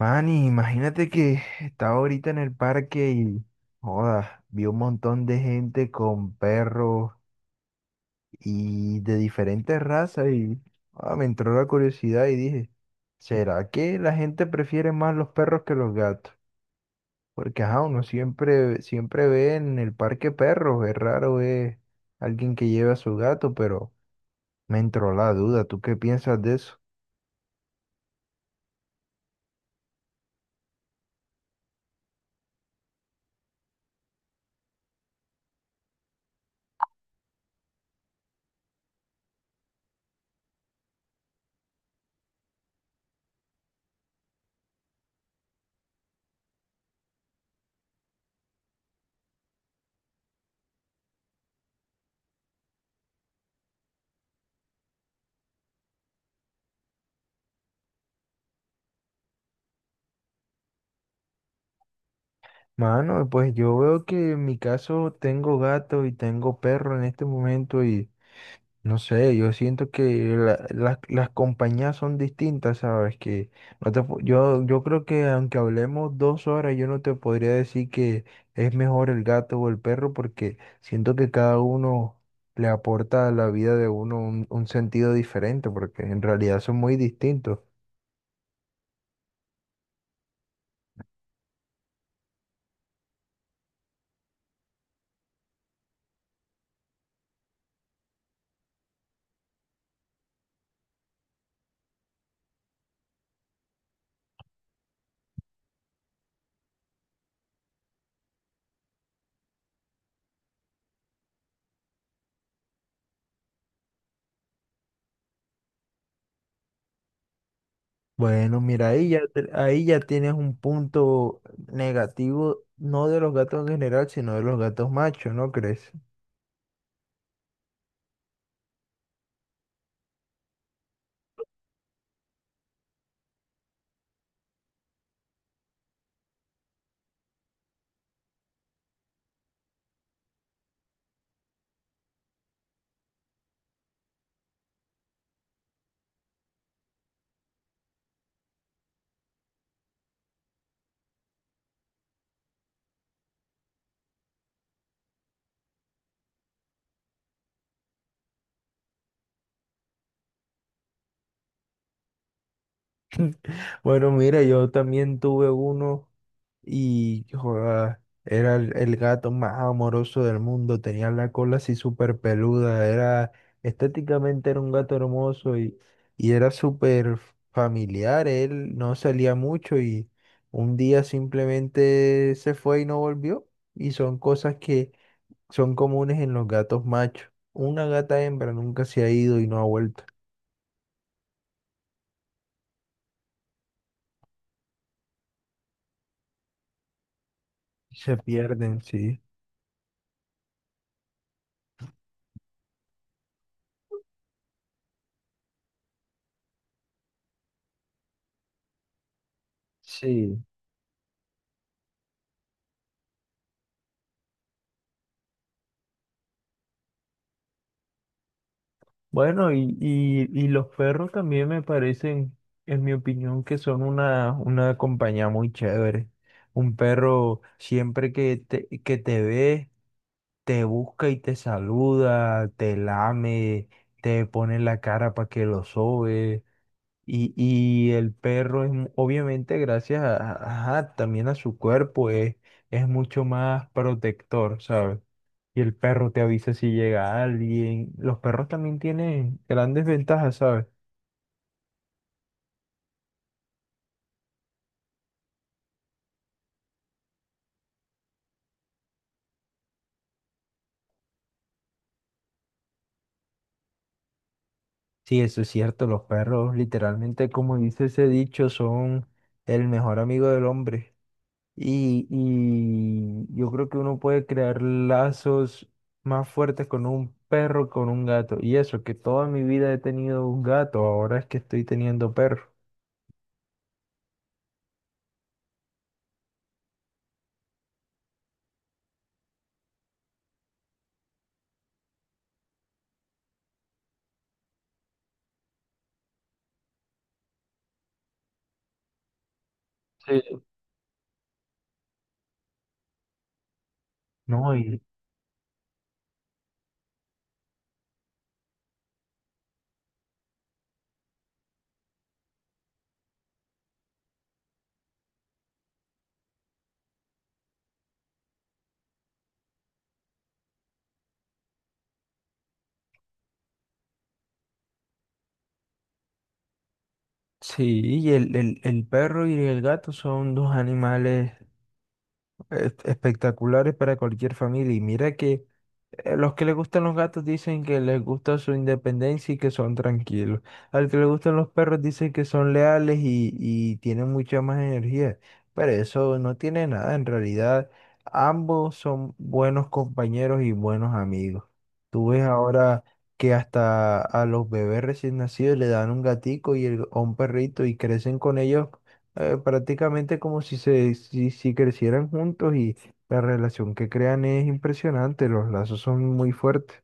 Manny, imagínate que estaba ahorita en el parque y, joda, vi un montón de gente con perros y de diferentes razas y joda, me entró la curiosidad y dije, ¿será que la gente prefiere más los perros que los gatos? Porque, ajá, uno siempre, siempre ve en el parque perros, es raro ver alguien que lleve a su gato, pero me entró la duda, ¿tú qué piensas de eso? Mano, pues yo veo que en mi caso tengo gato y tengo perro en este momento y no sé, yo siento que las compañías son distintas, ¿sabes? Que no te, pu- yo creo que aunque hablemos 2 horas, yo no te podría decir que es mejor el gato o el perro porque siento que cada uno le aporta a la vida de uno un sentido diferente porque en realidad son muy distintos. Bueno, mira, ahí ya tienes un punto negativo, no de los gatos en general, sino de los gatos machos, ¿no crees? Bueno, mira, yo también tuve uno y joda, era el gato más amoroso del mundo, tenía la cola así súper peluda, era estéticamente era un gato hermoso y era súper familiar, él no salía mucho y un día simplemente se fue y no volvió y son cosas que son comunes en los gatos machos. Una gata hembra nunca se ha ido y no ha vuelto. Se pierden, sí. Sí. Bueno, y los perros también me parecen, en mi opinión, que son una compañía muy chévere. Un perro siempre que te ve, te busca y te saluda, te lame, te pone la cara para que lo sobe. Y el perro es, obviamente, gracias a, ajá, también a su cuerpo, es mucho más protector, ¿sabes? Y el perro te avisa si llega alguien. Los perros también tienen grandes ventajas, ¿sabes? Sí, eso es cierto, los perros literalmente, como dice ese dicho, son el mejor amigo del hombre. Y yo creo que uno puede crear lazos más fuertes con un perro, con un gato. Y eso, que toda mi vida he tenido un gato, ahora es que estoy teniendo perro. Sí, no, y sí, y el perro y el gato son dos animales es- espectaculares para cualquier familia. Y mira que los que les gustan los gatos dicen que les gusta su independencia y que son tranquilos. Al que le gustan los perros dicen que son leales y tienen mucha más energía. Pero eso no tiene nada. En realidad, ambos son buenos compañeros y buenos amigos. Tú ves ahora que hasta a los bebés recién nacidos le dan un gatico y el- o un perrito y crecen con ellos prácticamente como si se si, si crecieran juntos, la relación que crean es impresionante, los lazos son muy fuertes.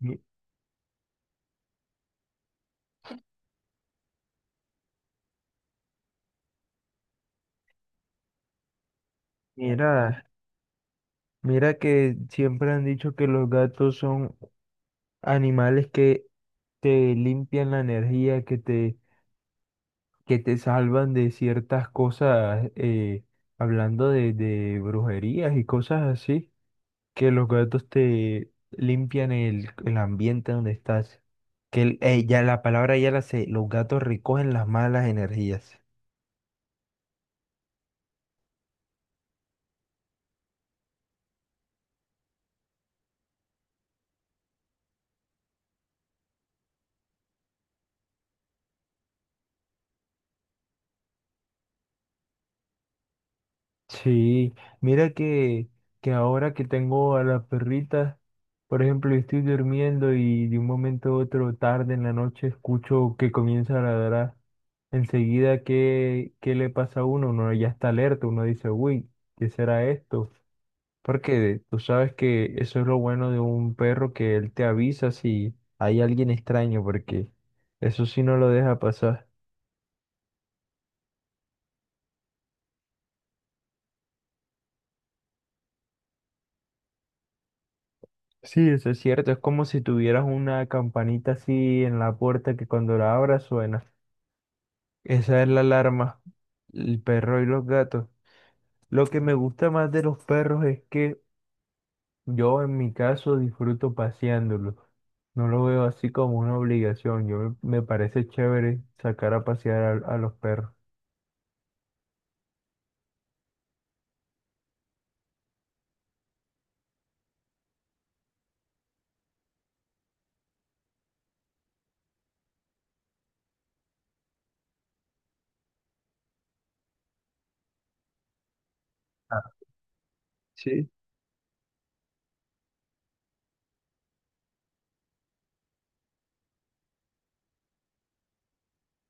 Mi- Mira, mira que siempre han dicho que los gatos son animales que te limpian la energía, que te salvan de ciertas cosas, hablando de brujerías y cosas así, que los gatos te limpian el ambiente donde estás. Que ya la palabra ya la sé, los gatos recogen las malas energías. Sí, mira que ahora que tengo a las perritas, por ejemplo, yo estoy durmiendo y de un momento a otro, tarde en la noche, escucho que comienza a ladrar. Enseguida, ¿qué le pasa a uno? Uno ya está alerta, uno dice, uy, ¿qué será esto? Porque tú sabes que eso es lo bueno de un perro, que él te avisa si hay alguien extraño, porque eso sí no lo deja pasar. Sí, eso es cierto. Es como si tuvieras una campanita así en la puerta que cuando la abras suena. Esa es la alarma. El perro y los gatos. Lo que me gusta más de los perros es que yo en mi caso disfruto paseándolos. No lo veo así como una obligación. Yo me parece chévere sacar a pasear a los perros. Ah, sí.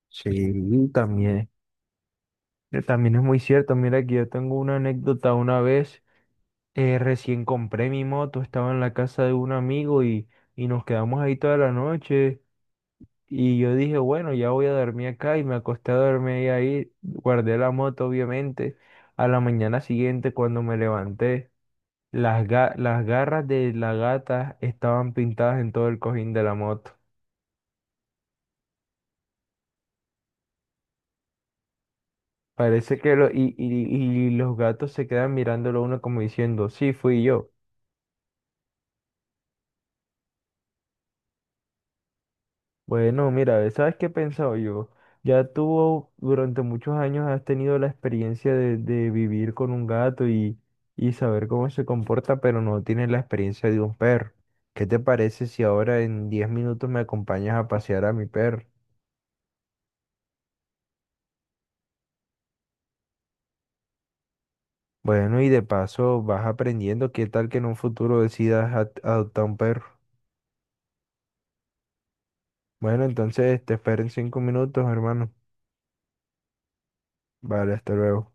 Sí, también. También es muy cierto. Mira que yo tengo una anécdota una vez. Recién compré mi moto, estaba en la casa de un amigo y nos quedamos ahí toda la noche. Y yo dije, bueno, ya voy a dormir acá y me acosté a dormir ahí. Guardé la moto, obviamente. A la mañana siguiente, cuando me levanté, las garras de la gata estaban pintadas en todo el cojín de la moto. Parece que lo, y los gatos se quedan mirándolo a uno como diciendo, sí, fui yo. Bueno, mira, ¿sabes qué he pensado yo? Ya tú durante muchos años has tenido la experiencia de, vivir con un gato y saber cómo se comporta, pero no tienes la experiencia de un perro. ¿Qué te parece si ahora en 10 minutos me acompañas a pasear a mi perro? Bueno, y de paso vas aprendiendo qué tal que en un futuro decidas adoptar un perro. Bueno, entonces te espero en 5 minutos, hermano. Vale, hasta luego.